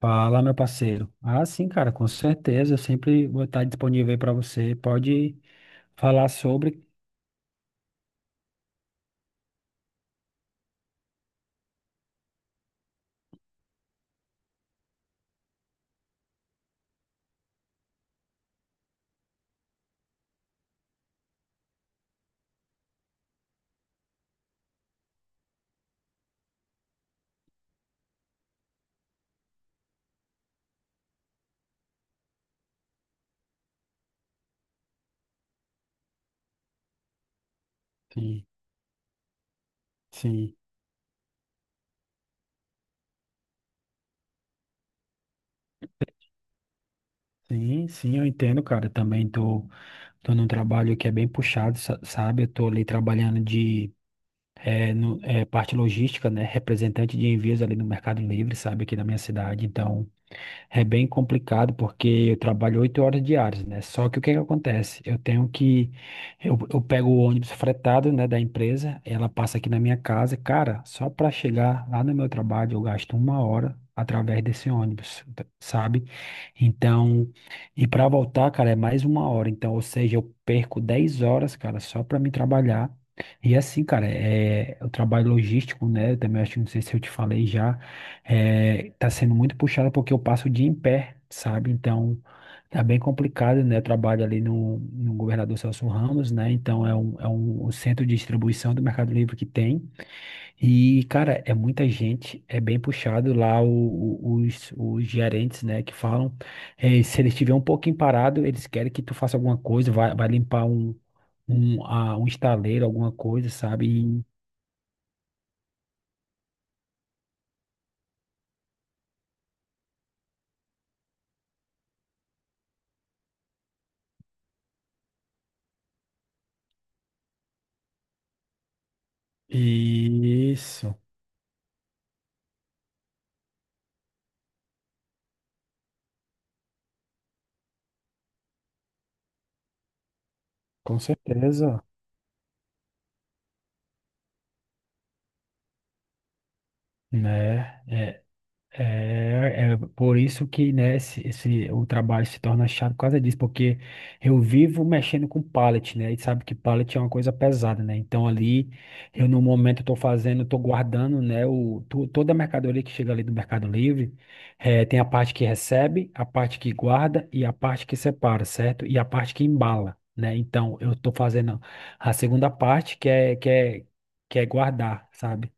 Fala, meu parceiro. Ah, sim, cara, com certeza. Eu sempre vou estar disponível aí para você. Pode falar sobre. Sim, sim, sim, sim, eu entendo, cara. Eu também tô num trabalho que é bem puxado, sabe? Eu tô ali trabalhando de parte logística, né? Representante de envios ali no Mercado Livre, sabe? Aqui na minha cidade. Então. É bem complicado porque eu trabalho 8 horas diárias, né? Só que o que que acontece? Eu tenho que. Eu pego o ônibus fretado, né, da empresa, ela passa aqui na minha casa. Cara, só para chegar lá no meu trabalho eu gasto uma hora através desse ônibus, sabe? Então, e para voltar, cara, é mais uma hora. Então, ou seja, eu perco 10 horas, cara, só para me trabalhar. E assim, cara, eu trabalho logístico, né? Eu também acho, não sei se eu te falei já. Tá sendo muito puxado porque eu passo o dia em pé, sabe? Então, tá bem complicado, né? Eu trabalho ali no Governador Celso Ramos, né? Então, é um centro de distribuição do Mercado Livre que tem. E, cara, é muita gente, é bem puxado lá os gerentes, né? Que falam, se ele estiver um pouquinho parado, eles querem que tu faça alguma coisa, vai limpar um estaleiro, alguma coisa, sabe? Isso, com certeza. Né? É por isso que, né, o trabalho se torna chato por causa disso, porque eu vivo mexendo com pallet, né, e sabe que pallet é uma coisa pesada, né, então ali, eu no momento estou fazendo, estou guardando, né, toda a mercadoria que chega ali do Mercado Livre, tem a parte que recebe, a parte que guarda e a parte que separa, certo? E a parte que embala, né, então eu estou fazendo a segunda parte, que é guardar, sabe?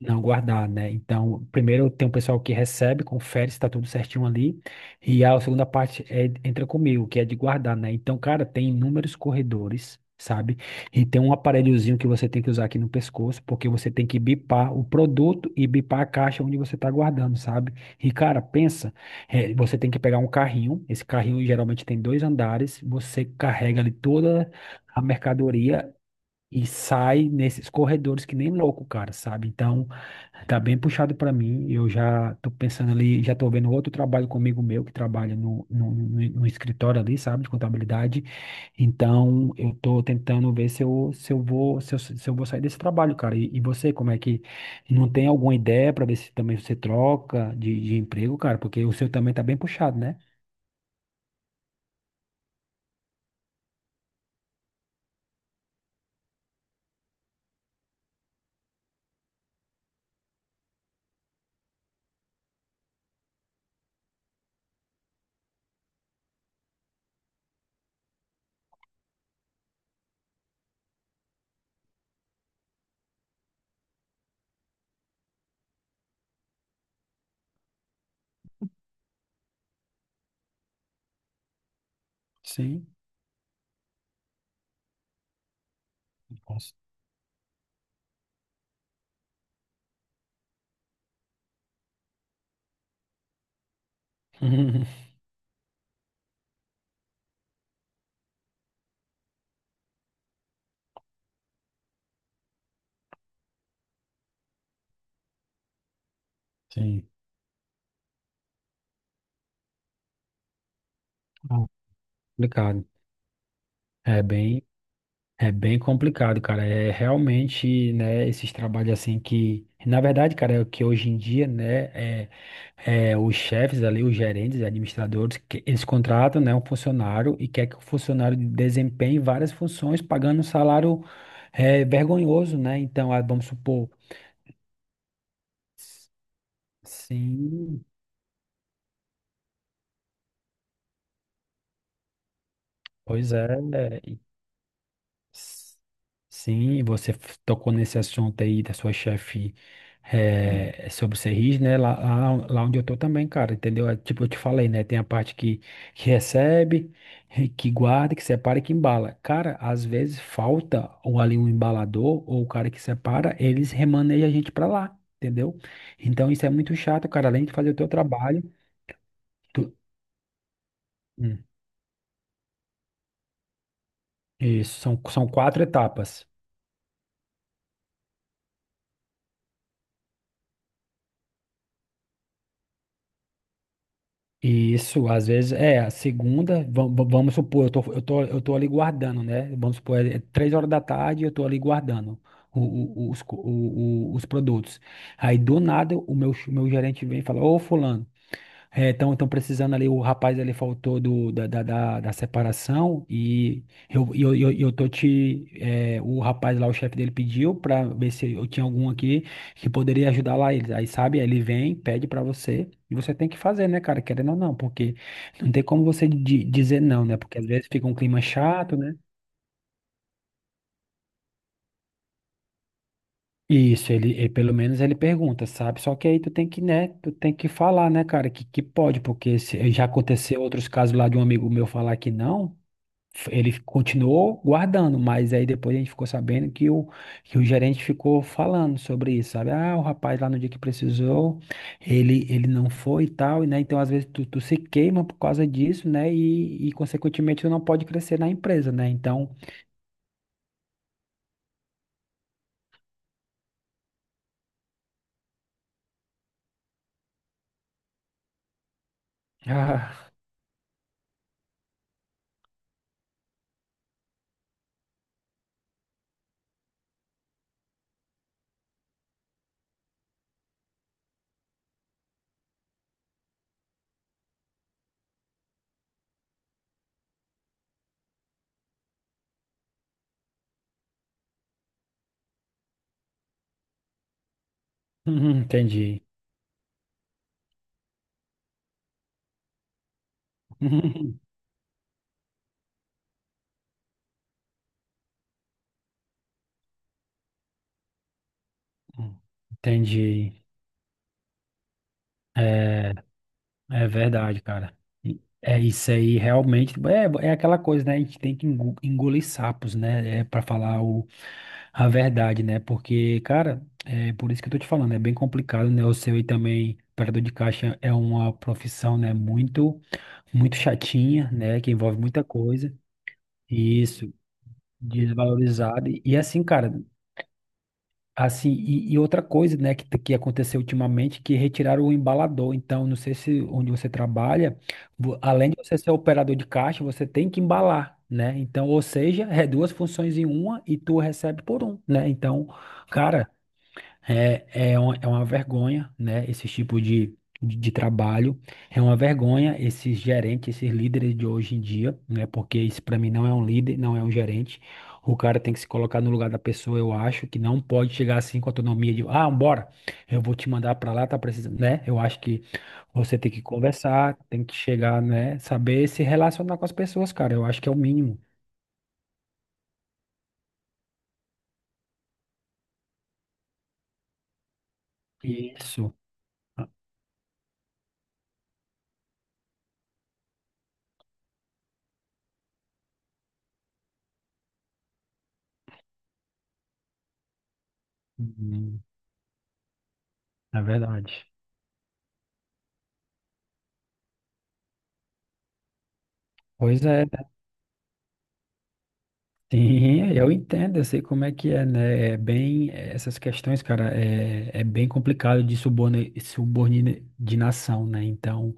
Não guardar, né? Então, primeiro tem um pessoal que recebe, confere se está tudo certinho ali. E a segunda parte é, entra comigo, que é de guardar, né? Então, cara, tem inúmeros corredores, sabe? E tem um aparelhozinho que você tem que usar aqui no pescoço, porque você tem que bipar o produto e bipar a caixa onde você está guardando, sabe? E, cara, pensa, você tem que pegar um carrinho. Esse carrinho geralmente tem dois andares, você carrega ali toda a mercadoria. E sai nesses corredores que nem louco, cara, sabe? Então, tá bem puxado para mim. Eu já tô pensando ali, já tô vendo outro trabalho comigo meu que trabalha no escritório ali, sabe, de contabilidade. Então, eu tô tentando ver se eu, se eu vou, se eu, se eu vou sair desse trabalho, cara. E você, como é que não tem alguma ideia para ver se também você troca de emprego, cara? Porque o seu também tá bem puxado, né? Sim, nossa, sim. Ah, complicado. É bem É bem complicado, cara. É realmente, né, esses trabalhos assim que, na verdade, cara, é o que hoje em dia, né, é os chefes ali, os gerentes, administradores, que eles contratam, né, um funcionário e quer que o funcionário desempenhe várias funções, pagando um salário vergonhoso, né? Então, ah, vamos supor, s- sim, pois é, é, S- Sim, você tocou nesse assunto aí da sua chefe sobre ser rígido, né? Lá onde eu tô também, cara, entendeu? Tipo, eu te falei, né? Tem a parte que recebe, que guarda, que separa e que embala. Cara, às vezes falta ou ali um embalador ou o cara que separa, eles remanejam a gente pra lá, entendeu? Então isso é muito chato, cara. Além de fazer o teu trabalho, tu- hum, isso, são quatro etapas. Isso, às vezes, a segunda, vamos supor, eu tô ali guardando, né? Vamos supor, é 3 horas da tarde, eu tô ali guardando o- os produtos. Aí, do nada, meu gerente vem e fala, ô, fulano, então, estão precisando ali, o rapaz ali faltou do, da, da, da, da separação e eu, e eu, e eu, e eu tô te, é, o rapaz lá, o chefe dele pediu pra ver se eu tinha algum aqui que poderia ajudar lá eles. Aí, sabe, ele vem, pede pra você e você tem que fazer, né, cara, querendo ou não, porque não tem como você dizer não, né, porque às vezes fica um clima chato, né? Isso, pelo menos ele pergunta, sabe? Só que aí tu tem que, né, tu tem que falar, né, cara, que pode, porque já aconteceu outros casos lá de um amigo meu falar que não, ele continuou guardando, mas aí depois a gente ficou sabendo que o gerente ficou falando sobre isso, sabe? Ah, o rapaz lá no dia que precisou, ele não foi e tal, né? Então, às vezes, tu se queima por causa disso, né? Consequentemente, tu não pode crescer na empresa, né? Então, ah, entendi. Entendi. É, É verdade, cara. É isso aí, realmente. É aquela coisa, né? A gente tem que engolir sapos, né? É para falar a verdade, né? Porque, cara, é por isso que eu tô te falando, é bem complicado, né? O seu aí também, operador de caixa, é uma profissão, né? Muito, muito chatinha, né? Que envolve muita coisa. Isso, desvalorizado. E assim, cara. Assim, e outra coisa, né, que aconteceu ultimamente, que retiraram o embalador. Então, não sei se onde você trabalha, além de você ser operador de caixa, você tem que embalar, né? Então, ou seja, é duas funções em uma e tu recebe por um, né? Então, cara, é, é uma vergonha, né? Esse tipo de trabalho. É uma vergonha esses gerentes, esses líderes de hoje em dia, né? Porque isso para mim não é um líder, não é um gerente. O cara tem que se colocar no lugar da pessoa, eu acho, que não pode chegar assim com autonomia de, ah, bora, eu vou te mandar para lá, tá precisando, né? Eu acho que você tem que conversar, tem que chegar, né? Saber se relacionar com as pessoas, cara. Eu acho que é o mínimo. Isso. Ah, hum, é verdade. Pois é. Sim, eu entendo, eu sei como é que é, né? É bem, essas questões, cara, é bem complicado de subordinação, né? Então,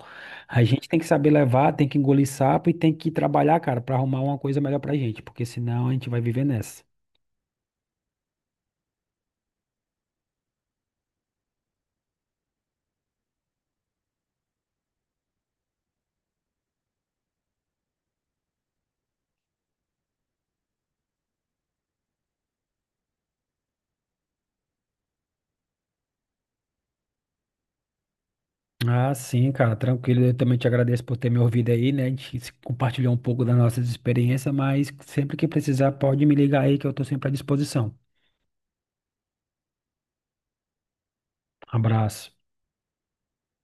a gente tem que saber levar, tem que engolir sapo e tem que trabalhar, cara, para arrumar uma coisa melhor pra gente, porque senão a gente vai viver nessa. Ah, sim, cara, tranquilo. Eu também te agradeço por ter me ouvido aí, né? A gente se compartilhou um pouco das nossas experiências, mas sempre que precisar, pode me ligar aí que eu tô sempre à disposição. Abraço.